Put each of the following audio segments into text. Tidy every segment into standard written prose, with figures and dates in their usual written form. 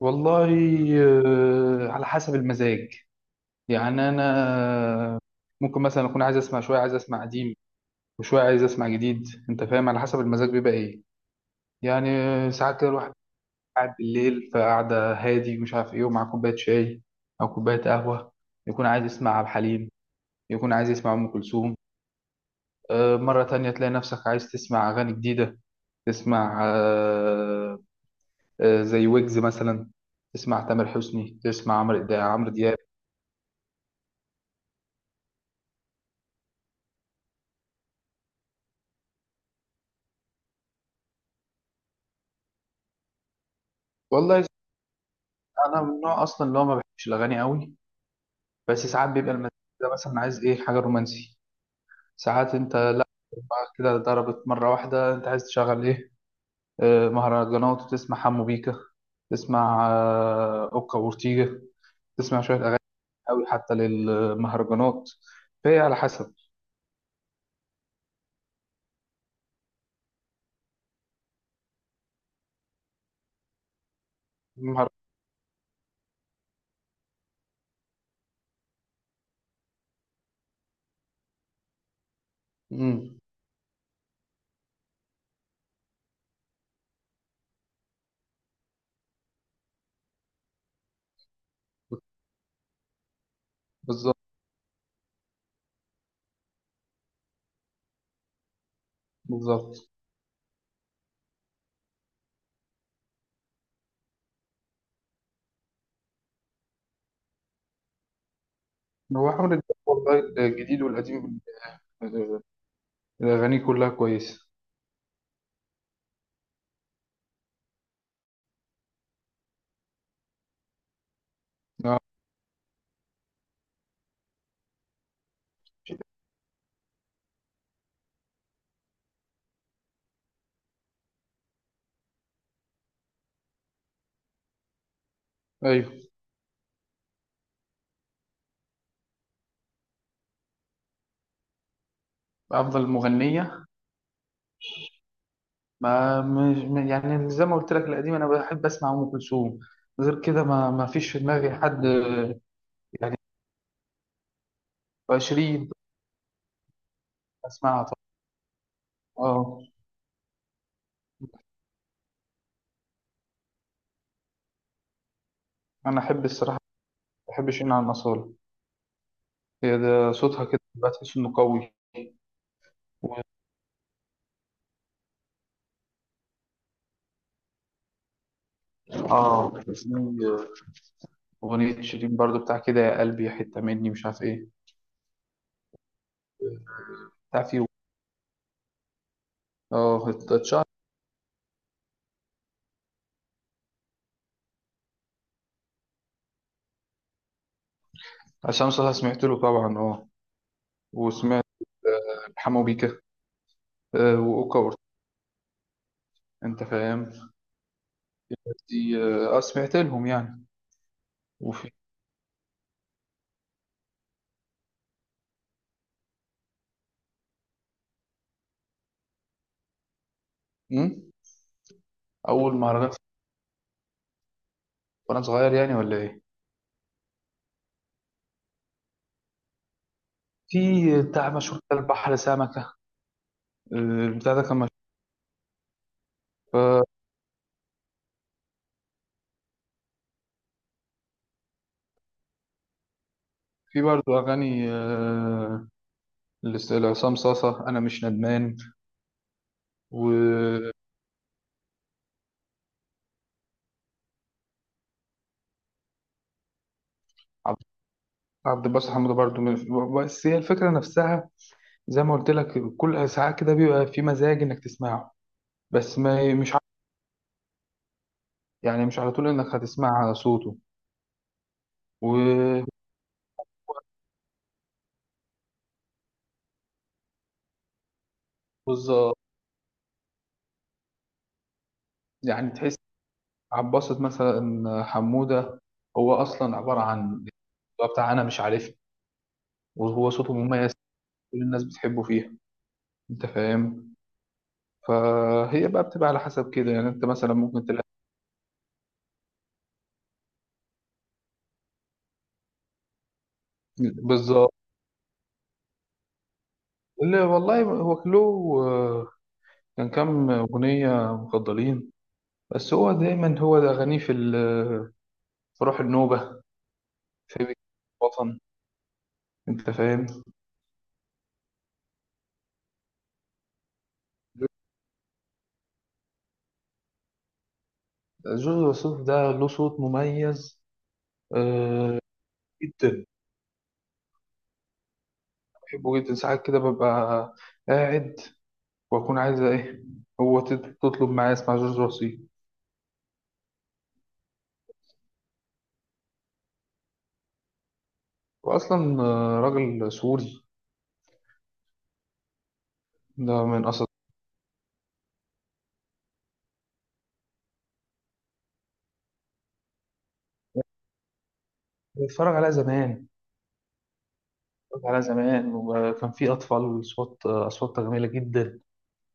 والله. على حسب المزاج. يعني انا ممكن مثلا اكون عايز اسمع شويه عايز اسمع قديم، وشويه عايز اسمع جديد. انت فاهم؟ على حسب المزاج بيبقى ايه يعني. ساعات كده الواحد قاعد بالليل، فقعده هادي ومش عارف ايه، ومع كوبايه شاي او كوبايه قهوه، يكون عايز يسمع عبد الحليم. يكون عايز يسمع ام كلثوم. مره تانية تلاقي نفسك عايز تسمع اغاني جديده. تسمع زي ويجز مثلا. تسمع تامر حسني. تسمع عمرو دياب. والله، انا من النوع اصلا اللي هو ما بحبش الاغاني قوي. بس ساعات بيبقى المزاج ده مثلا عايز ايه حاجه رومانسي. ساعات انت لا، بقى كده ضربت مره واحده انت عايز تشغل ايه؟ مهرجانات وتسمع حمو بيكا. تسمع اوكا وورتيجا. تسمع شويه اغاني قوي حتى للمهرجانات. فهي على حسب. المهر... مم. بالظبط. بالظبط. هو حمو بيكا والله الجديد والقديم، آه، الاغاني كلها كويسه. آه، ايوه. افضل مغنيه ما مش، يعني زي ما قلت لك القديم انا بحب اسمع ام كلثوم. غير كده ما فيش في دماغي حد يعني. 20. اسمعها طبعا. اه. انا احب الصراحه، ما بحبش ان على الاصاله. هي ده صوتها كده بتحس انه قوي. اه، في اغنيه شيرين برضو بتاع كده، يا قلبي حته مني، مش عارف ايه، بتاع فيه. اه، اتشهر عشان صوتها، سمعت له طبعا. اه. وسمعت حمو بيكا، واوكا وأورتega، انت فاهم. دي سمعت لهم يعني. وفي. مم؟ اول مهرجان وانا صغير يعني ولا ايه؟ في بتاع مشهور كده، البحر سمكه. البتاع ده كان مشهور. ف- في برضه اغاني، لعصام صاصه، انا مش ندمان. وعبد عبد الباسط حموده برضه بس هي الفكره نفسها، زي ما قلت لك كل ساعات كده بيبقى في مزاج انك تسمعه. بس ما مش يعني مش على طول انك هتسمع صوته. و، بالظبط. يعني تحس عباسة مثلا، حمودة هو أصلا عبارة عن، هو بتاع أنا مش عارف. وهو صوته مميز، كل الناس بتحبه فيها. أنت فاهم. فهي بقى بتبقى على حسب كده، يعني أنت مثلا ممكن تلاقي. بالظبط. اللي والله هو كلو، كان كام أغنية مفضلين، بس هو دايما هو ده أغانيه، في روح النوبة، في الوطن. أنت فاهم. جورج وسوف ده له صوت مميز، آه، جدا. بحبه جدا، ساعات كده ببقى قاعد واكون عايز ايه. هو تطلب معايا اسمع جورج وسوف. واصلا راجل سوري، ده من اسد. بتفرج عليها زمان. بتفرج عليها زمان، وكان في اطفال اصوات اصوات جميله جدا.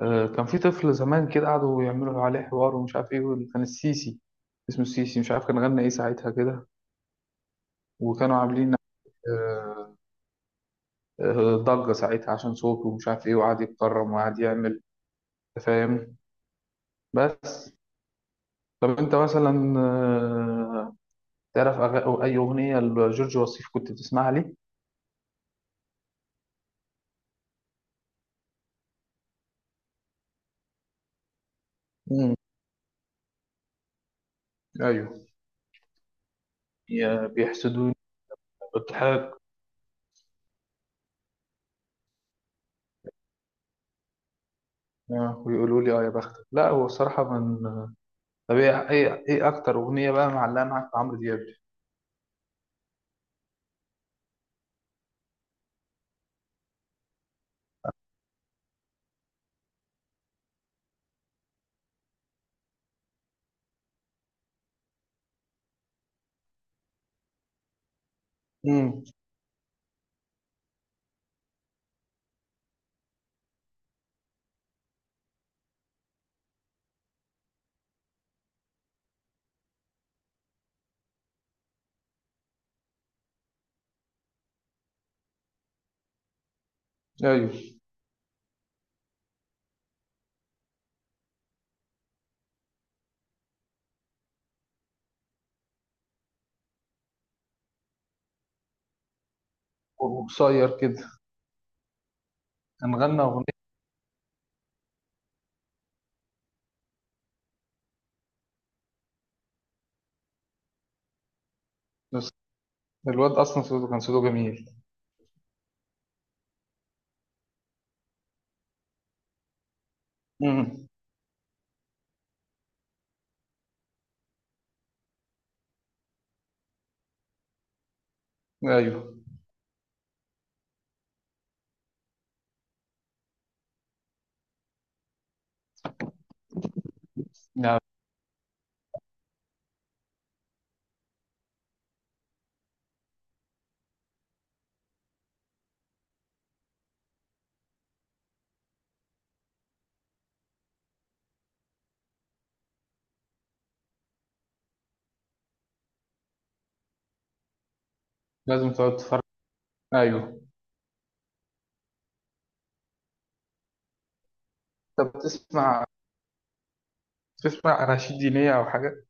كان في طفل زمان كده قعدوا يعملوا عليه حوار ومش عارف ايه، كان السيسي اسمه السيسي، مش عارف كان غنى ايه ساعتها كده. وكانوا عاملين آه، ضجه ساعتها عشان صوته ومش عارف ايه، وقعد يتكرم وقعد يعمل. أنت فاهم. بس طب انت مثلا تعرف أو اي اغنيه لجورج وسوف كنت بتسمعها ليه؟ امم. ايوه. يا بيحسدوني، بالضحك. ويقولوا لي يا بختك. لا، هو الصراحه من. طب ايه ايه إيه اكتر اغنيه بقى معلقه معاك في عمرو دياب. امم. ايوه. وقصير كده. كان غنى اغنيه. بس الواد اصلا، كان صوته جميل. امم. ايوه. يعني لازم تقعد تتفرج. ايوه. انت بتسمع، اناشيد دينيه او حاجه.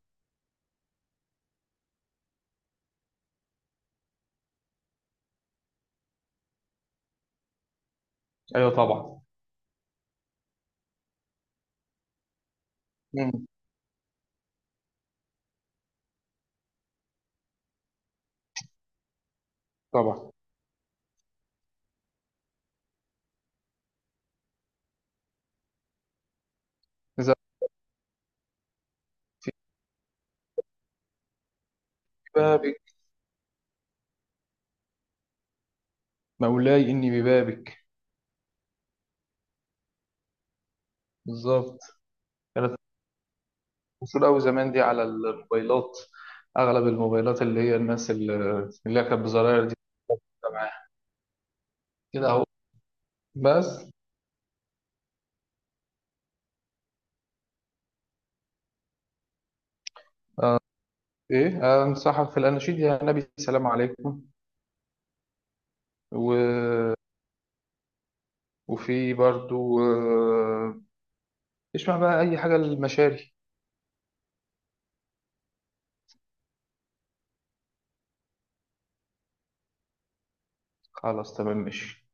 ايوه طبعا. امم. طبعا. بابك. مولاي إني ببابك. بالظبط. كانت مشهورة أوي زمان دي على الموبايلات. أغلب الموبايلات اللي هي الناس اللي هي كانت بزراير دي بتبقى معاها كده أهو. بس إيه، أنصحك في الأناشيد يا نبي السلام عليكم. و... وفي برضو اسمع بقى أي حاجة للمشاري. خلاص تمام ماشي.